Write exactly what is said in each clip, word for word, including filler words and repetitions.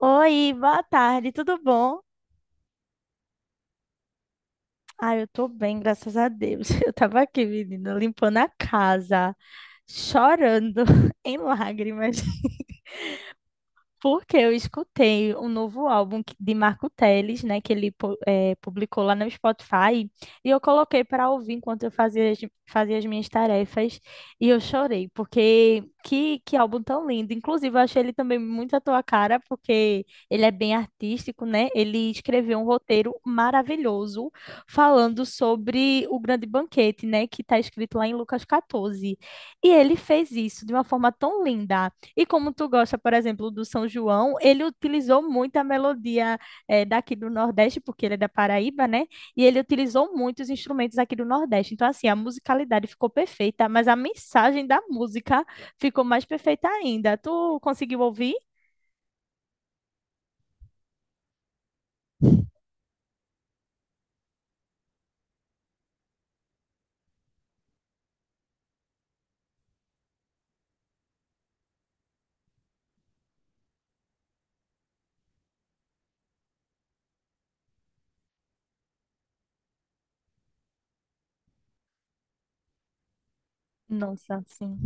Oi, boa tarde, tudo bom? Ah, eu tô bem, graças a Deus. Eu tava aqui, menina, limpando a casa, chorando em lágrimas. Porque eu escutei um novo álbum que- de Marco Teles, né, que ele pu- eh, publicou lá no Spotify, e eu coloquei para ouvir enquanto eu fazia as, fazia as minhas tarefas, e eu chorei, porque que, que álbum tão lindo. Inclusive, eu achei ele também muito à tua cara, porque ele é bem artístico, né? Ele escreveu um roteiro maravilhoso falando sobre o grande banquete, né, que está escrito lá em Lucas catorze. E ele fez isso de uma forma tão linda. E como tu gosta, por exemplo, do São João, ele utilizou muito a melodia eh, daqui do Nordeste, porque ele é da Paraíba, né? E ele utilizou muitos instrumentos aqui do Nordeste. Então, assim, a musicalidade ficou perfeita, mas a mensagem da música ficou mais perfeita ainda. Tu conseguiu ouvir? Nossa, sim.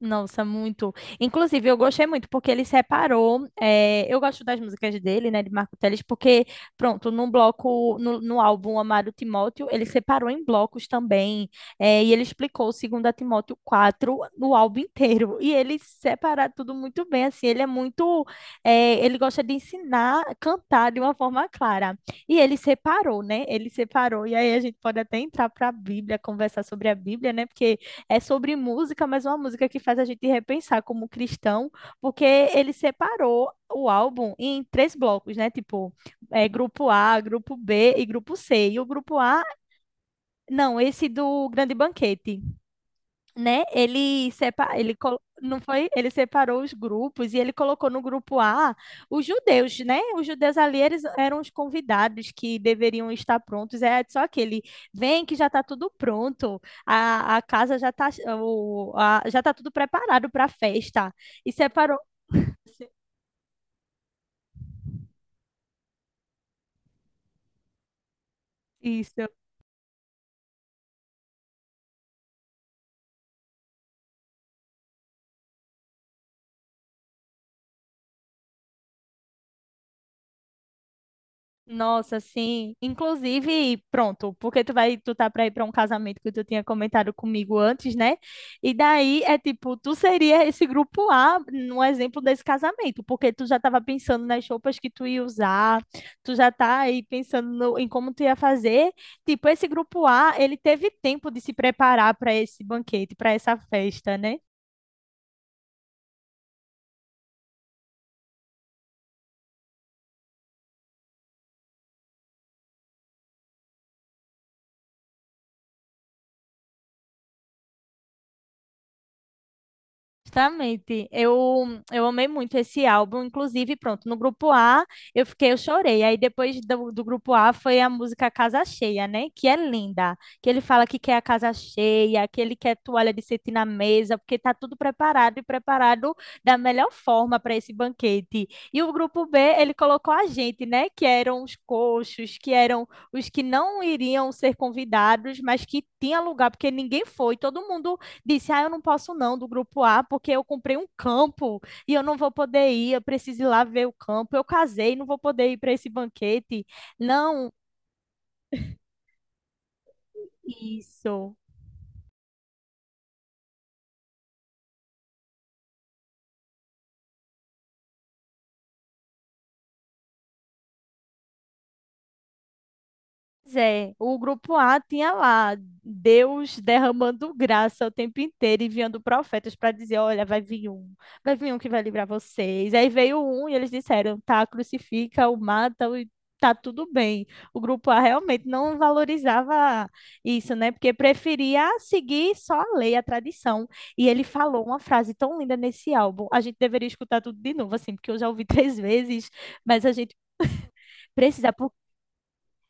Nossa, muito. Inclusive, eu gostei muito porque ele separou. Eh, eu gosto das músicas dele, né, de Marco Teles, porque, pronto, num bloco, no, no álbum Amado Timóteo, ele separou em blocos também. Eh, e ele explicou o segundo Timóteo quatro no álbum inteiro. E ele separa tudo muito bem, assim. Ele é muito. Eh, ele gosta de ensinar a cantar de uma forma clara. E ele separou, né? Ele separou. E aí a gente pode até entrar para a Bíblia, conversar sobre a Bíblia, né? Porque é sobre música, mas é uma música que faz a gente repensar como cristão, porque ele separou o álbum em três blocos, né? Tipo, é, grupo A, grupo B e grupo C. E o grupo A, não, esse do Grande Banquete, né? Ele separa, ele colo- não foi, ele separou os grupos e ele colocou no grupo A os judeus, né? Os judeus ali eles eram os convidados que deveriam estar prontos. É só que ele vem que já está tudo pronto, a, a casa já está já tá tudo preparado para a festa. E separou isso. Nossa, sim. Inclusive, pronto, porque tu vai, tu tá pra ir pra um casamento que tu tinha comentado comigo antes, né? E daí é tipo, tu seria esse grupo A no exemplo desse casamento, porque tu já tava pensando nas roupas que tu ia usar, tu já tá aí pensando no- em como tu ia fazer. Tipo, esse grupo A, ele teve tempo de se preparar para esse banquete, para essa festa, né? Justamente, eu, eu amei muito esse álbum, inclusive, pronto, no grupo A eu fiquei, eu chorei, aí depois do, do grupo A foi a música Casa Cheia, né, que é linda, que ele fala que quer a casa cheia, que ele quer toalha de cetim na mesa, porque tá tudo preparado e preparado da melhor forma para esse banquete, e o grupo B, ele colocou a gente, né, que eram os coxos, que eram os que não iriam ser convidados, mas que tinha lugar, porque ninguém foi, todo mundo disse: Ah, eu não posso não do grupo A, porque eu comprei um campo e eu não vou poder ir, eu preciso ir lá ver o campo. Eu casei, não vou poder ir para esse banquete. Não, isso. Pois é, o grupo A tinha lá Deus derramando graça o tempo inteiro, enviando profetas para dizer: olha, vai vir um, vai vir um que vai livrar vocês. Aí veio um e eles disseram: tá, crucifica, o mata, o- Tá tudo bem. O grupo A realmente não valorizava isso, né? Porque preferia seguir só a lei, a tradição. E ele falou uma frase tão linda nesse álbum: a gente deveria escutar tudo de novo, assim, porque eu já ouvi três vezes, mas a gente precisa,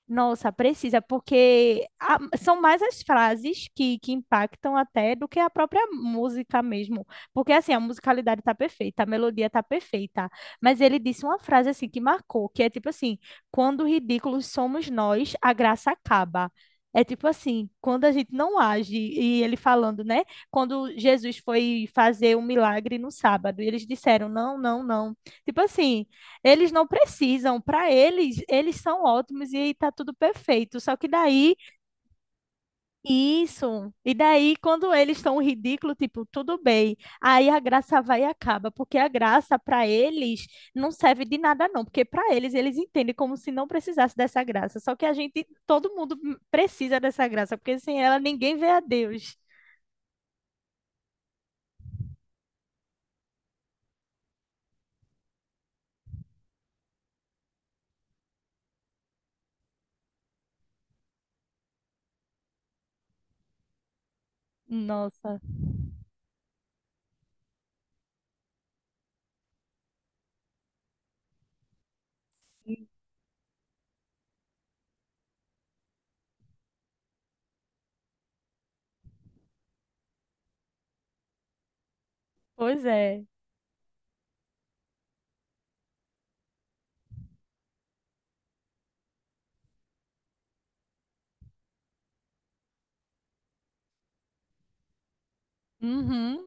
nossa, precisa, porque a- são mais as frases que, que impactam até do que a própria música mesmo. Porque assim, a musicalidade tá perfeita, a melodia tá perfeita, mas ele disse uma frase assim que marcou, que é tipo assim, quando ridículos somos nós, a graça acaba. É tipo assim, quando a gente não age, e ele falando, né? Quando Jesus foi fazer um milagre no sábado, e eles disseram, não, não, não. Tipo assim, eles não precisam, para eles, eles são ótimos e tá tudo perfeito. Só que daí, isso. E daí, quando eles estão ridículo, tipo, tudo bem. Aí a graça vai e acaba, porque a graça para eles não serve de nada, não. Porque para eles, eles entendem como se não precisasse dessa graça. Só que a gente, todo mundo precisa dessa graça, porque sem ela ninguém vê a Deus. Nossa. Pois é. Uhum.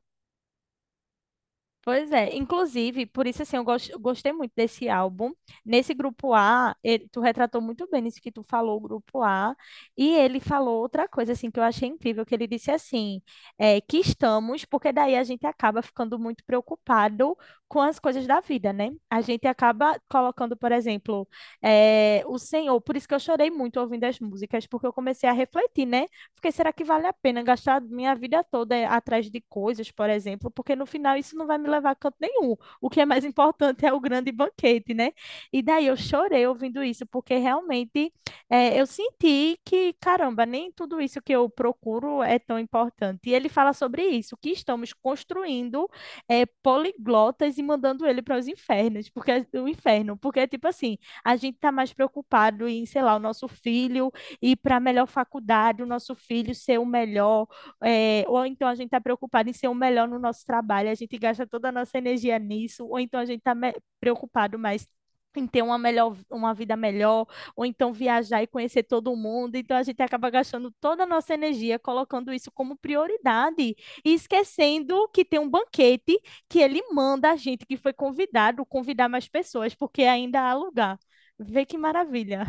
Pois é, inclusive, por isso assim, eu gos- eu gostei muito desse álbum. Nesse grupo A, ele- tu retratou muito bem isso que tu falou, o grupo A, e ele falou outra coisa assim que eu achei incrível, que ele disse assim, é, que estamos, porque daí a gente acaba ficando muito preocupado com as coisas da vida, né? A gente acaba colocando, por exemplo, é, o Senhor, por isso que eu chorei muito ouvindo as músicas, porque eu comecei a refletir, né? Fiquei, será que vale a pena gastar minha vida toda eh, atrás de coisas, por exemplo? Porque no final isso não vai me levar a canto nenhum. O que é mais importante é o grande banquete, né? E daí eu chorei ouvindo isso, porque realmente é, eu senti que, caramba, nem tudo isso que eu procuro é tão importante. E ele fala sobre isso, que estamos construindo é, poliglotas e mandando ele para os infernos, porque eh, o inferno, porque tipo assim, a gente tá mais preocupado em, sei lá, o nosso filho ir para a melhor faculdade, o nosso filho ser o melhor, é, ou então a gente está preocupado em ser o melhor no nosso trabalho, a gente gasta toda a nossa energia nisso, ou então a gente está preocupado mais em ter uma melhor, uma vida melhor, ou então viajar e conhecer todo mundo. Então a gente acaba gastando toda a nossa energia colocando isso como prioridade e esquecendo que tem um banquete que ele manda a gente que foi convidado convidar mais pessoas, porque ainda há lugar. Vê que maravilha.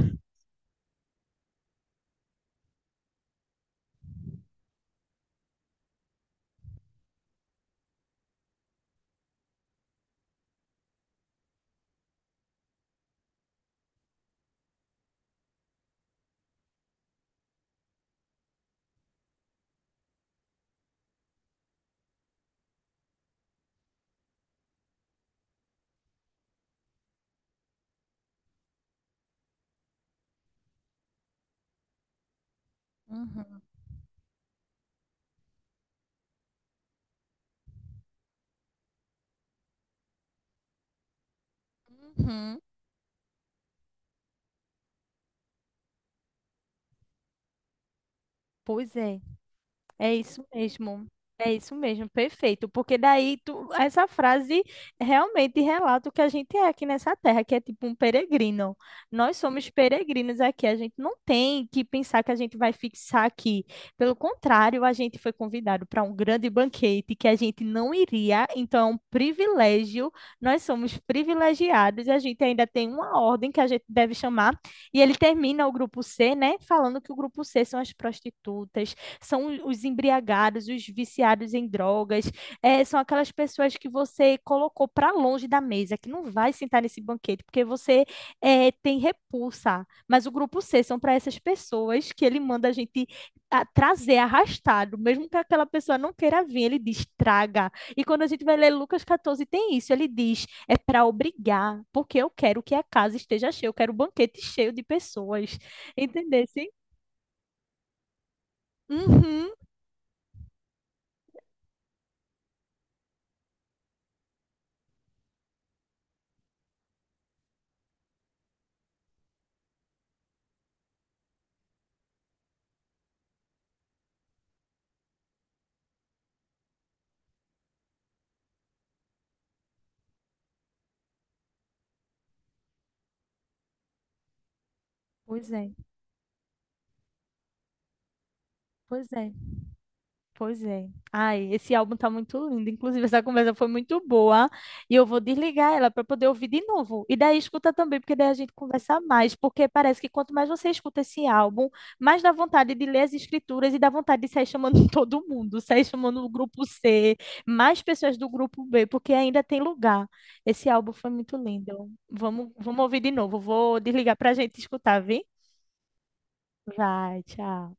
Uhum. Uhum. Pois é, é isso mesmo. É isso mesmo, perfeito. Porque daí tu, essa frase realmente relata o que a gente é aqui nessa terra, que é tipo um peregrino. Nós somos peregrinos aqui, a gente não tem que pensar que a gente vai fixar aqui. Pelo contrário, a gente foi convidado para um grande banquete que a gente não iria, então é um privilégio. Nós somos privilegiados, e a gente ainda tem uma ordem que a gente deve chamar, e ele termina o grupo C, né, falando que o grupo C são as prostitutas, são os embriagados, os viciados em drogas, é, são aquelas pessoas que você colocou para longe da mesa, que não vai sentar nesse banquete, porque você é, tem repulsa. Mas o grupo C são para essas pessoas que ele manda a gente a, trazer arrastado, mesmo que aquela pessoa não queira vir, ele diz traga. E quando a gente vai ler Lucas catorze, tem isso, ele diz é para obrigar, porque eu quero que a casa esteja cheia, eu quero o banquete cheio de pessoas. Entendesse? Uhum. Pois é, pois é. Pois é. Ai, esse álbum tá muito lindo. Inclusive, essa conversa foi muito boa. E eu vou desligar ela para poder ouvir de novo. E daí escuta também, porque daí a gente conversa mais. Porque parece que quanto mais você escuta esse álbum, mais dá vontade de ler as escrituras e dá vontade de sair chamando todo mundo, sair chamando o grupo C, mais pessoas do grupo B, porque ainda tem lugar. Esse álbum foi muito lindo. Vamos, vamos ouvir de novo. Vou desligar para a gente escutar, viu? Vai, tchau.